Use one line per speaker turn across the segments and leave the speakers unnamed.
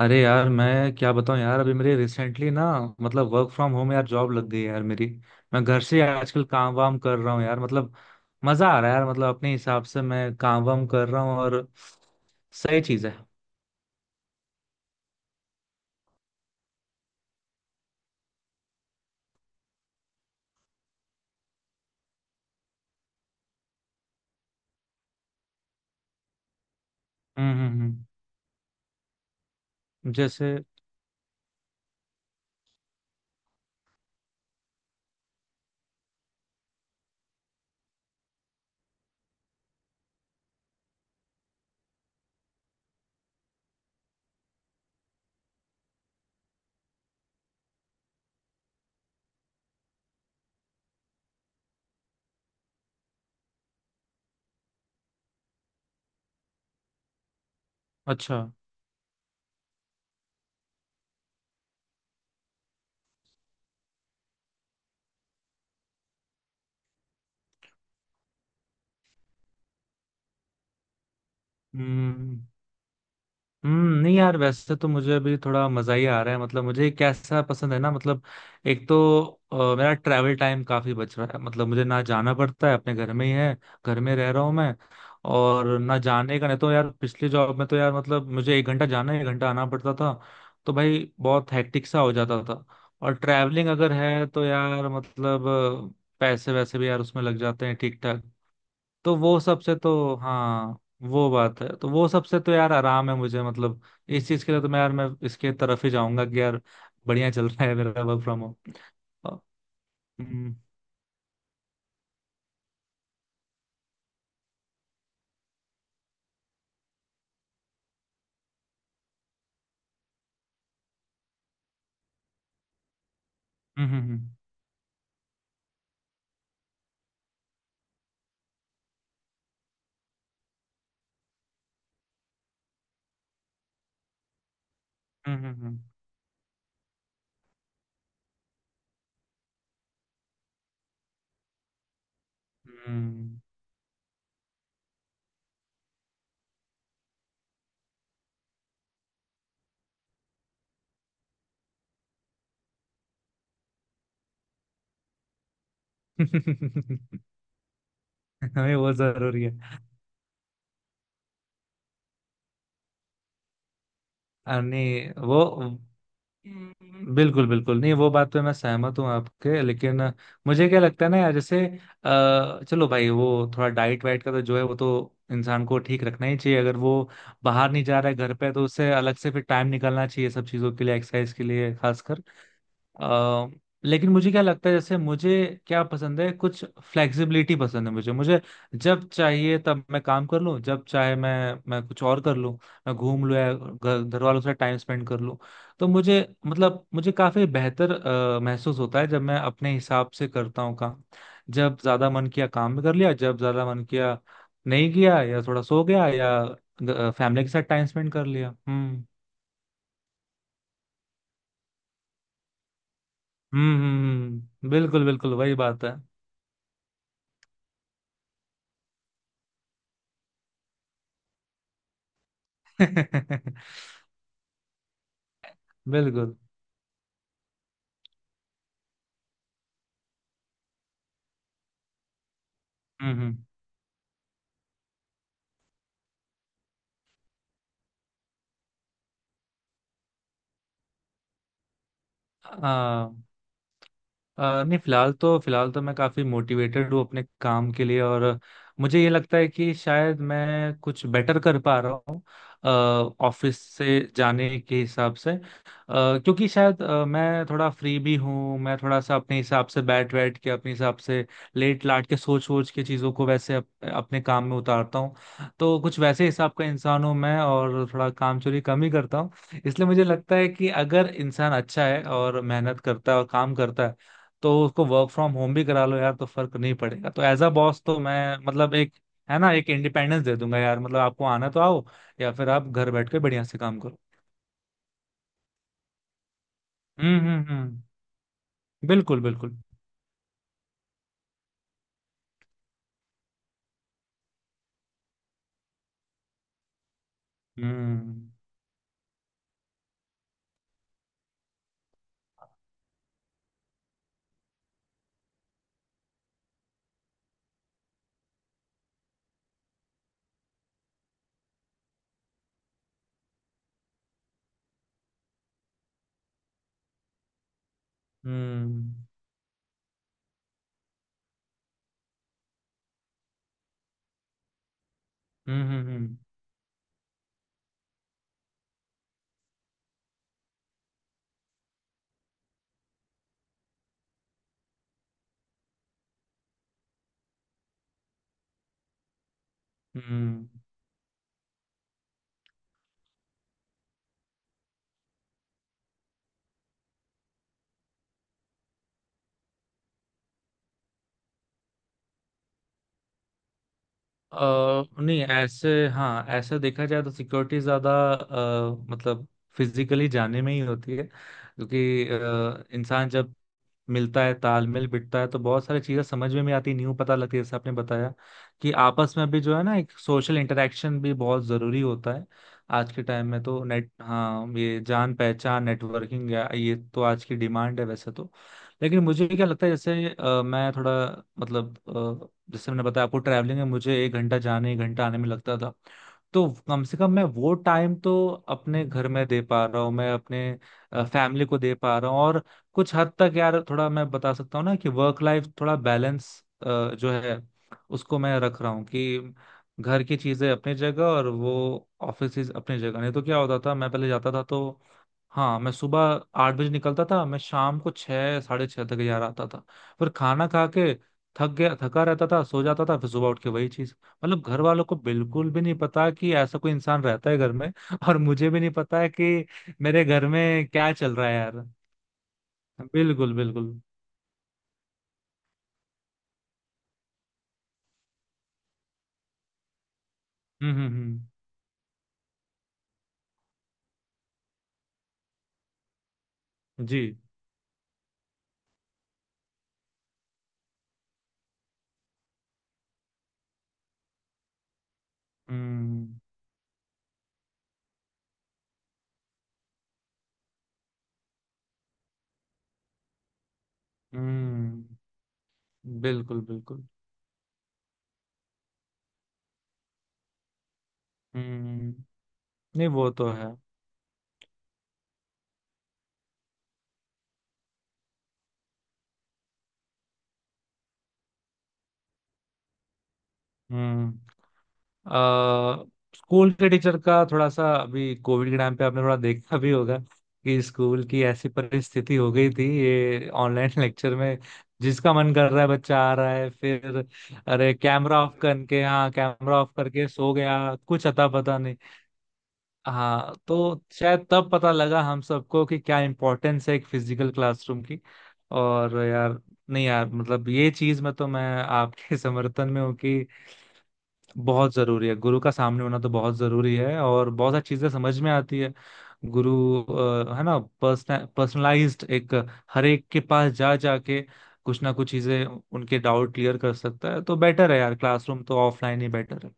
अरे यार, मैं क्या बताऊं यार। अभी मेरे रिसेंटली ना, मतलब वर्क फ्रॉम होम यार, जॉब लग गई है यार मेरी। मैं घर से आजकल काम वाम कर रहा हूँ यार। मतलब मजा आ रहा है यार, मतलब अपने हिसाब से मैं काम वाम कर रहा हूँ, और सही चीज है। हम्म, हम्म, हम्म। जैसे। अच्छा। हम्म, हम्म। नहीं यार, वैसे तो मुझे अभी थोड़ा मजा ही आ रहा है। मतलब मुझे कैसा पसंद है ना, मतलब एक तो मेरा ट्रैवल टाइम काफी बच रहा है। मतलब मुझे ना जाना पड़ता है, अपने घर में ही है, घर में रह रहा हूँ मैं। और ना जाने का, नहीं तो यार पिछले जॉब में तो यार, मतलब मुझे 1 घंटा जाना 1 घंटा आना पड़ता था। तो भाई बहुत हैक्टिक सा हो जाता था। और ट्रैवलिंग अगर है तो यार, मतलब पैसे वैसे भी यार उसमें लग जाते हैं ठीक ठाक। तो वो सबसे तो, हाँ, वो बात है। तो वो सबसे तो यार आराम है मुझे। मतलब इस चीज के लिए तो मैं यार, मैं इसके तरफ ही जाऊंगा कि यार बढ़िया चल रहा है मेरा वर्क फ्रॉम होम। हम्म, हम्म, हम्म, हम्म, हम्म, हम्म। हमें वो जरूरी है। नहीं वो, बिल्कुल बिल्कुल। नहीं वो बात पे मैं सहमत हूँ आपके, लेकिन मुझे क्या लगता है ना यार, जैसे चलो भाई वो थोड़ा डाइट वाइट का तो जो है वो तो इंसान को ठीक रखना ही चाहिए, अगर वो बाहर नहीं जा रहा है, घर पे है, तो उसे अलग से फिर टाइम निकालना चाहिए सब चीज़ों के लिए, एक्सरसाइज के लिए खासकर। अ, लेकिन मुझे क्या लगता है, जैसे मुझे क्या पसंद है, कुछ फ्लेक्सिबिलिटी पसंद है मुझे मुझे जब चाहिए तब मैं काम कर लूँ, जब चाहे मैं कुछ और कर लूँ, मैं घूम लूँ या घर घर वालों के साथ टाइम स्पेंड कर लूँ। तो मुझे, मतलब मुझे काफी बेहतर महसूस होता है जब मैं अपने हिसाब से करता हूँ काम। जब ज्यादा मन किया काम भी कर लिया, जब ज्यादा मन किया नहीं किया, या थोड़ा सो गया, या फैमिली के साथ टाइम स्पेंड कर लिया। हम्म, हम्म, हम्म, बिल्कुल बिल्कुल वही बात है। बिल्कुल। हम्म, हम्म। हाँ। नहीं फिलहाल तो, फिलहाल तो मैं काफी मोटिवेटेड हूँ अपने काम के लिए, और मुझे ये लगता है कि शायद मैं कुछ बेटर कर पा रहा हूँ ऑफिस से जाने के हिसाब से। क्योंकि शायद मैं थोड़ा फ्री भी हूँ, मैं थोड़ा सा अपने हिसाब से बैठ बैठ के, अपने हिसाब से लेट लाट के, सोच सोच के चीज़ों को वैसे अपने काम में उतारता हूँ। तो कुछ वैसे हिसाब का इंसान हूँ मैं, और थोड़ा काम चोरी कम ही करता हूँ, इसलिए मुझे लगता है कि अगर इंसान अच्छा है और मेहनत करता है और काम करता है, तो उसको वर्क फ्रॉम होम भी करा लो यार तो फर्क नहीं पड़ेगा। तो एज अ बॉस तो मैं, मतलब एक है ना, एक इंडिपेंडेंस दे दूंगा यार, मतलब आपको आना तो आओ, या फिर आप घर बैठ के बढ़िया से काम करो। हम्म, हम्म, हम्म, बिल्कुल बिल्कुल। हम्म, हम्म, हम्म, हम्म, हम्म, हम्म। नहीं ऐसे, हाँ, ऐसा देखा जाए तो सिक्योरिटी ज़्यादा, मतलब फिजिकली जाने में ही होती है। क्योंकि इंसान जब मिलता है, तालमेल बिठता है, तो बहुत सारी चीज़ें समझ में भी आती है, न्यू पता लगती है, जैसे आपने बताया कि आपस में भी जो है ना, एक सोशल इंटरेक्शन भी बहुत ज़रूरी होता है। आज के टाइम में तो नेट, हाँ, ये जान पहचान, नेटवर्किंग, ये तो आज की डिमांड है वैसे तो। लेकिन मुझे क्या लगता है, जैसे मैं थोड़ा, मतलब जैसे मैंने बताया आपको, ट्रैवलिंग में मुझे 1 घंटा जाने 1 घंटा आने में लगता था। तो कम से कम मैं वो टाइम तो अपने घर में दे पा रहा हूँ, मैं अपने फैमिली को दे पा रहा हूँ, और कुछ हद तक यार, थोड़ा मैं बता सकता हूँ ना, कि वर्क लाइफ थोड़ा बैलेंस जो है, उसको मैं रख रहा हूँ, कि घर की चीजें अपनी जगह और वो ऑफिस अपनी जगह। नहीं तो क्या होता था, मैं पहले जाता था तो, हाँ, मैं सुबह 8 बजे निकलता था, मैं शाम को 6, 6:30 तक ही आ रहा था। पर खाना खा के थक गया, थका रहता था, सो जाता था, फिर सुबह उठ के वही चीज। मतलब घर वालों को बिल्कुल भी नहीं पता कि ऐसा कोई इंसान रहता है घर में और मुझे भी नहीं पता है कि मेरे घर में क्या चल रहा है यार। बिल्कुल बिल्कुल। हम्म, हम्म, हम्म। जी। हम्म, हम्म, बिल्कुल बिल्कुल। हम्म। नहीं वो तो है। हम्म। अ, स्कूल के टीचर का थोड़ा सा, अभी कोविड के टाइम पे आपने थोड़ा देखा भी होगा कि स्कूल की ऐसी परिस्थिति हो गई थी, ये ऑनलाइन लेक्चर में जिसका मन कर रहा है बच्चा आ रहा है। फिर अरे कैमरा ऑफ करके, हाँ कैमरा ऑफ करके सो गया, कुछ अता पता नहीं। हाँ तो शायद तब पता लगा हम सबको कि क्या इम्पोर्टेंस है एक फिजिकल क्लासरूम की। और यार, नहीं यार, मतलब ये चीज में तो मैं आपके समर्थन में हूँ कि बहुत जरूरी है गुरु का सामने होना, तो बहुत जरूरी है और बहुत सारी चीजें समझ में आती है। गुरु, है ना, पर्सनलाइज्ड एक, हर एक के पास जा जाके कुछ ना कुछ चीजें, उनके डाउट क्लियर कर सकता है, तो बेटर है यार, क्लासरूम तो ऑफलाइन ही बेटर है।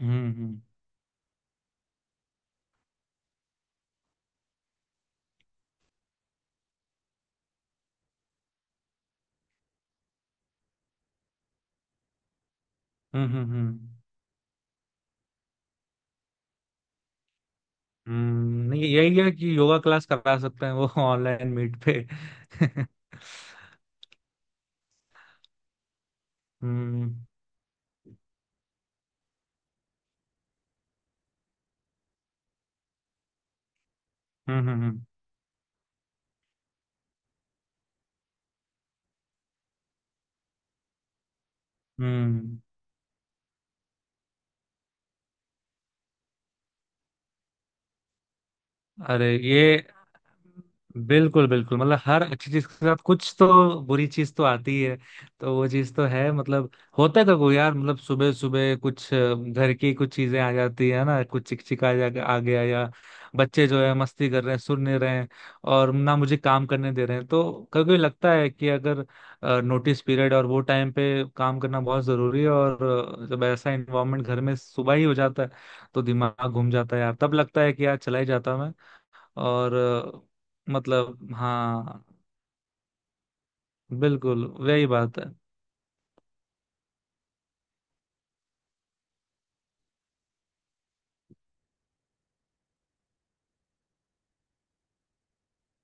हम्म, हम्म, हम्म, हम्म, हम्म, हम्म। नहीं यही है कि योगा क्लास करा सकते हैं वो ऑनलाइन मीट पे। हम्म, हम्म, हम्म, हम्म, हम्म। अरे ये, बिल्कुल बिल्कुल, मतलब हर अच्छी चीज के साथ कुछ तो बुरी चीज तो आती है, तो वो चीज तो है। मतलब होता है कभी यार, मतलब सुबह सुबह कुछ घर की कुछ चीजें आ जाती है ना, कुछ चिकचिक आ गया, या बच्चे जो है मस्ती कर रहे हैं, सुन नहीं रहे हैं, और ना मुझे काम करने दे रहे हैं, तो कभी कभी लगता है कि अगर नोटिस पीरियड और वो टाइम पे काम करना बहुत जरूरी है, और जब ऐसा इन्वायरमेंट घर में सुबह ही हो जाता है, तो दिमाग घूम जाता है यार, तब लगता है कि यार चला ही जाता। और मतलब हाँ, बिल्कुल वही बात है।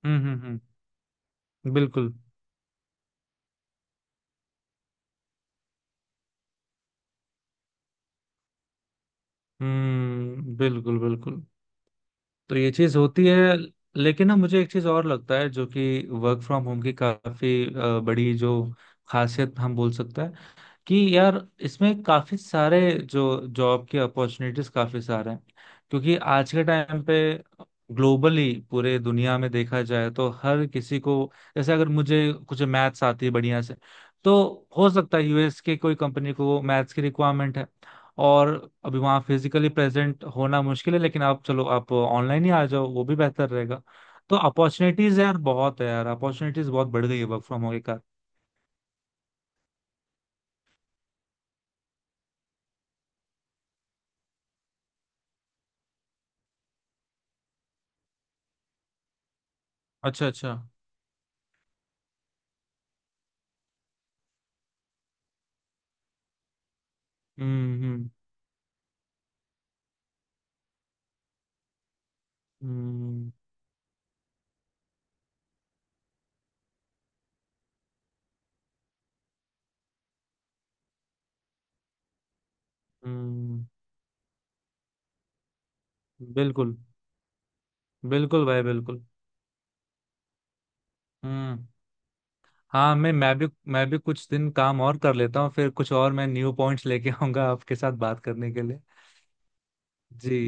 हम्म, हम्म, हम्म, बिल्कुल। हम्म, बिल्कुल बिल्कुल। तो ये चीज होती है, लेकिन ना मुझे एक चीज और लगता है, जो कि वर्क फ्रॉम होम की काफी बड़ी जो खासियत हम बोल सकते हैं, कि यार इसमें काफी सारे जो जॉब के अपॉर्चुनिटीज काफी सारे हैं, क्योंकि आज के टाइम पे ग्लोबली पूरे दुनिया में देखा जाए तो हर किसी को, जैसे अगर मुझे कुछ मैथ्स आती है बढ़िया से, तो हो सकता है यूएस के कोई कंपनी को मैथ्स की रिक्वायरमेंट है, और अभी वहाँ फिजिकली प्रेजेंट होना मुश्किल है, लेकिन आप चलो आप ऑनलाइन ही आ जाओ, वो भी बेहतर रहेगा। तो अपॉर्चुनिटीज यार बहुत है यार, अपॉर्चुनिटीज बहुत बढ़ गई है वर्क फ्रॉम होम के कारण। अच्छा अच्छा। हम्म, हम्म, हम्म, बिल्कुल बिल्कुल भाई बिल्कुल। हम्म, हाँ, मैं भी, मैं भी कुछ दिन काम और कर लेता हूँ, फिर कुछ और मैं न्यू पॉइंट्स लेके आऊंगा आपके साथ बात करने के लिए। जी।